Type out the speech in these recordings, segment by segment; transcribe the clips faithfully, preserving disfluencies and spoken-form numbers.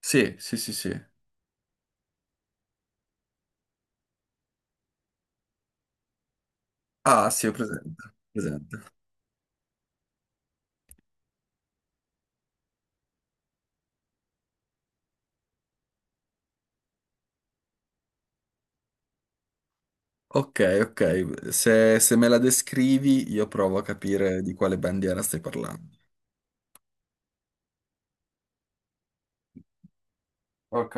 Sì, sì, sì, sì. Ah, sì, ho presente. presente. Ok, ok. Se, se me la descrivi, io provo a capire di quale bandiera stai parlando. Ok,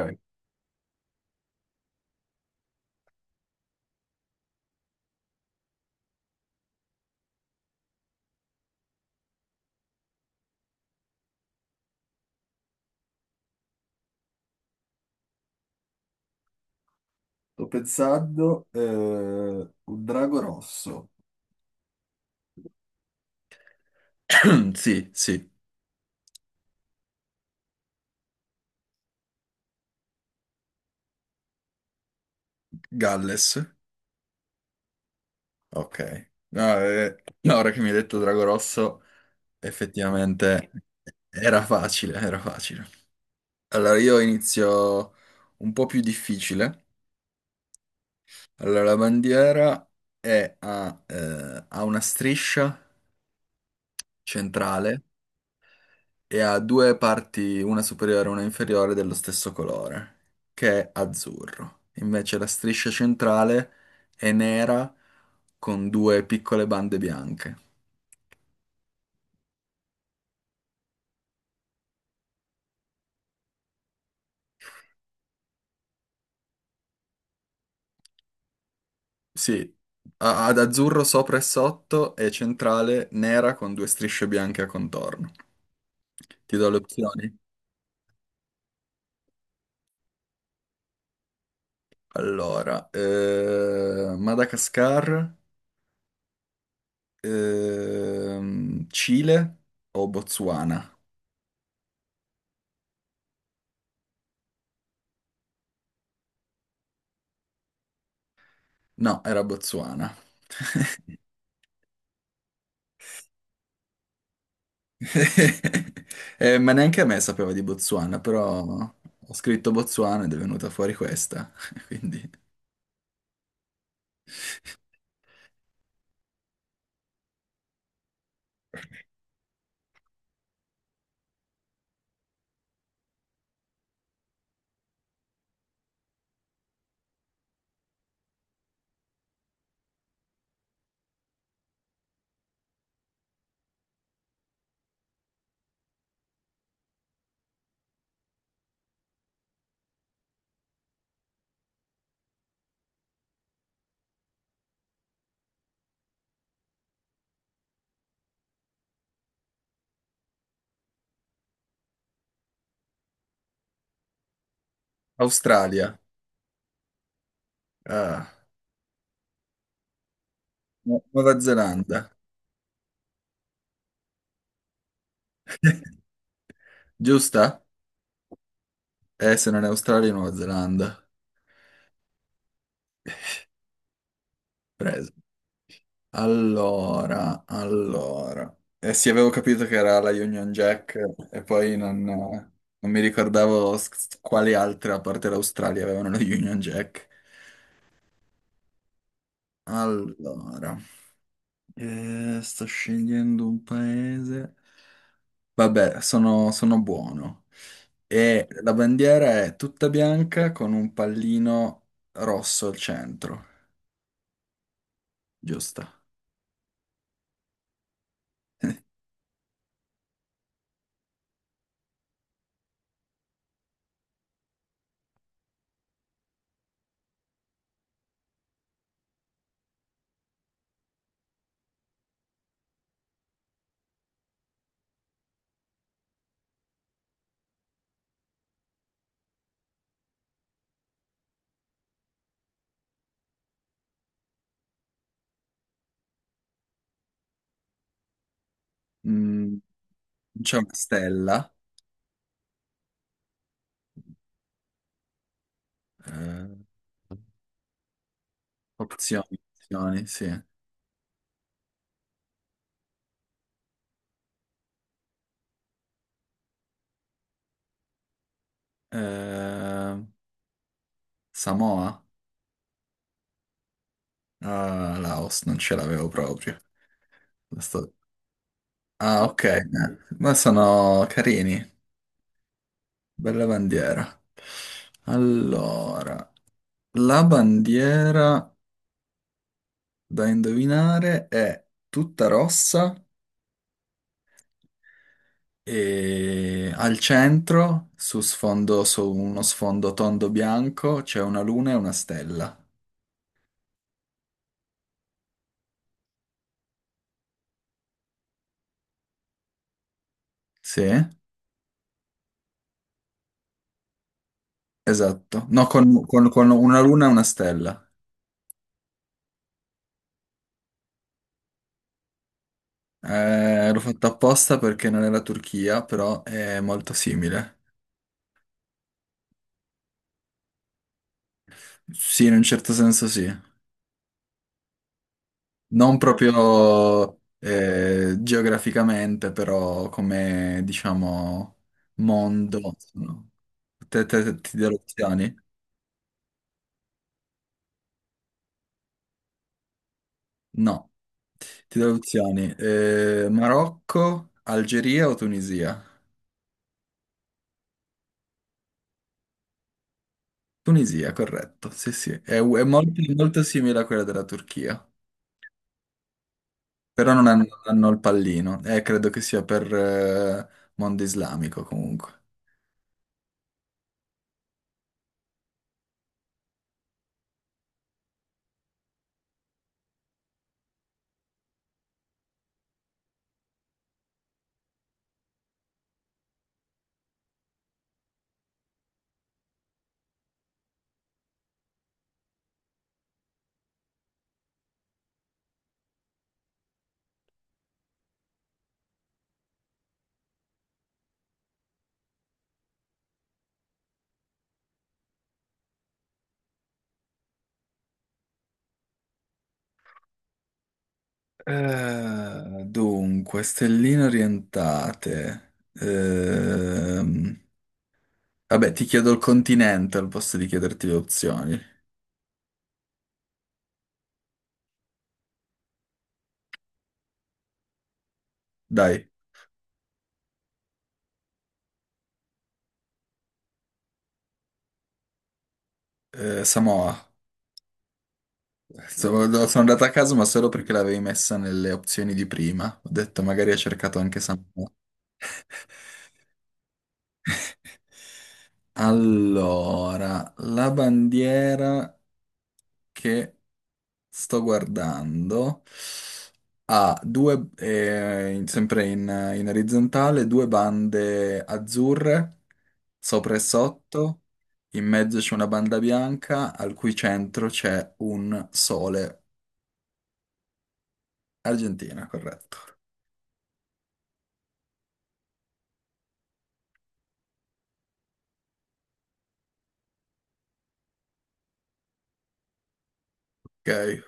sto pensando eh, un drago rosso. Sì, sì. Galles. Ok. No, eh, no, ora che mi hai detto Drago Rosso, effettivamente era facile, era facile. Allora io inizio un po' più difficile. Allora, la bandiera è a, eh, ha una striscia centrale e ha due parti, una superiore e una inferiore, dello stesso colore, che è azzurro. Invece la striscia centrale è nera con due piccole bande bianche. Sì, ha- ad azzurro sopra e sotto e centrale nera con due strisce bianche a contorno. Ti do le opzioni. Allora, eh, Madagascar. Ehm, Cile o Botswana? No, era Botswana. Eh, ma neanche a me sapeva di Botswana, però ho scritto Botswana ed è venuta fuori questa. Quindi Australia, ah, Nu- Nuova Zelanda, giusta? Eh, se non è Australia, Nuova Zelanda. Preso. Allora, allora. Eh sì, avevo capito che era la Union Jack e poi non, non mi ricordavo s- quali altre, a parte l'Australia, avevano la Union Jack. Allora, eh, sto scegliendo un paese. Vabbè, sono, sono buono. E la bandiera è tutta bianca con un pallino rosso al centro, giusta? Mm, c'è una stella. eh, opzioni, opzioni, sì. Eh, Samoa? Ah, Laos, non ce l'avevo proprio. Questo- Ah, ok, eh, ma sono carini. Bella bandiera. Allora, la bandiera da indovinare è tutta rossa e al centro, su sfondo, su uno sfondo tondo bianco, c'è una luna e una stella. Sì, esatto. No, con, con- con una luna e una stella. Eh, l'ho fatto apposta perché non è la Turchia, però è molto simile. Sì, in un certo senso sì. Non proprio eh, geograficamente, però come, diciamo, mondo. No? Te, te, te- ti do le opzioni? No, ti do le opzioni. Eh, Marocco, Algeria o Tunisia? Tunisia, corretto. Sì, sì. È, è molto, molto simile a quella della Turchia. Però non hanno, hanno il pallino. Eh, credo che sia per eh, mondo islamico comunque. Eh, dunque, stelline orientate. Ehm, vabbè, ti chiedo il continente al posto di chiederti le opzioni. Dai, eh, Samoa. Sono, no, sono andato a caso, ma solo perché l'avevi messa nelle opzioni di prima. Ho detto, magari ha cercato anche Samoa. Allora, la bandiera che sto guardando. Ha due, eh, in- sempre in, in orizzontale, due bande azzurre, sopra e sotto. In mezzo c'è una banda bianca, al cui centro c'è un sole. Argentina, corretto. Ok.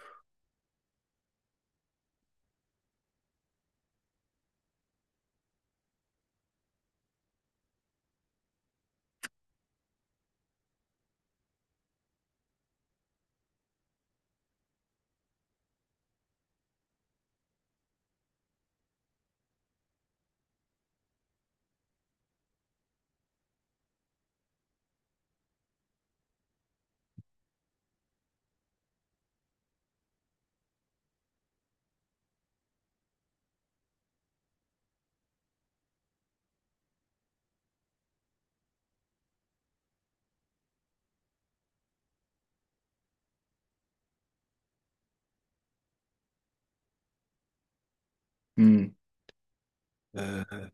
Mm. Eh,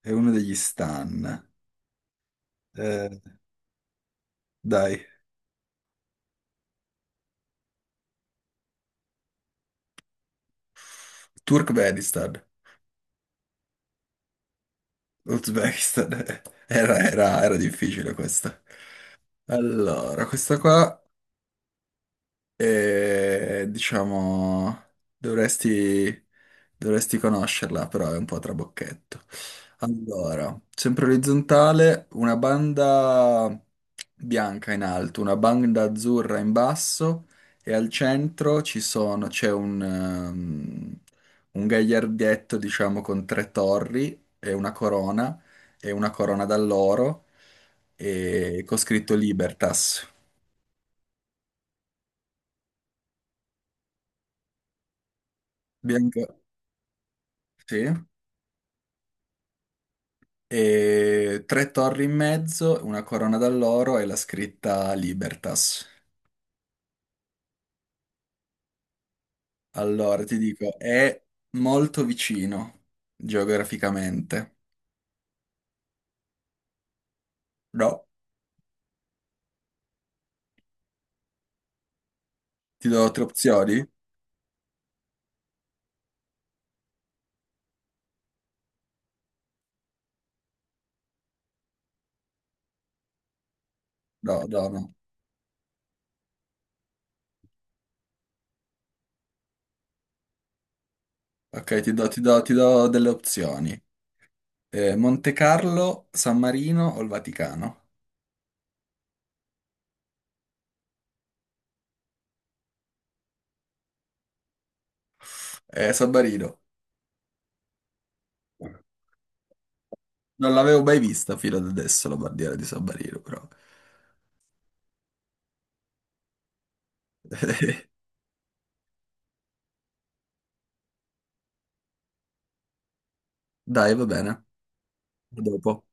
è uno degli stan. Eh, dai. Turkmenistan. Uzbekistan. Era, era era difficile questa. Allora, questa qua. E diciamo, dovresti, dovresti conoscerla, però è un po' trabocchetto. Allora, sempre orizzontale, una banda bianca in alto, una banda azzurra in basso e al centro ci sono, c'è un, ehm, un gagliardetto, diciamo, con tre torri e una corona e una corona d'alloro e con scritto Libertas. Bianca, sì. E tre torri in mezzo, una corona d'alloro e la scritta Libertas. Allora, ti dico, è molto vicino geograficamente. No, ti do tre opzioni? No, no, no. Ok, ti do, ti do- ti do delle opzioni. Eh, Monte Carlo, San Marino o il Vaticano? Eh, San Marino. Non l'avevo mai vista fino ad adesso la bandiera di San Marino, però. Dai, va bene. A dopo.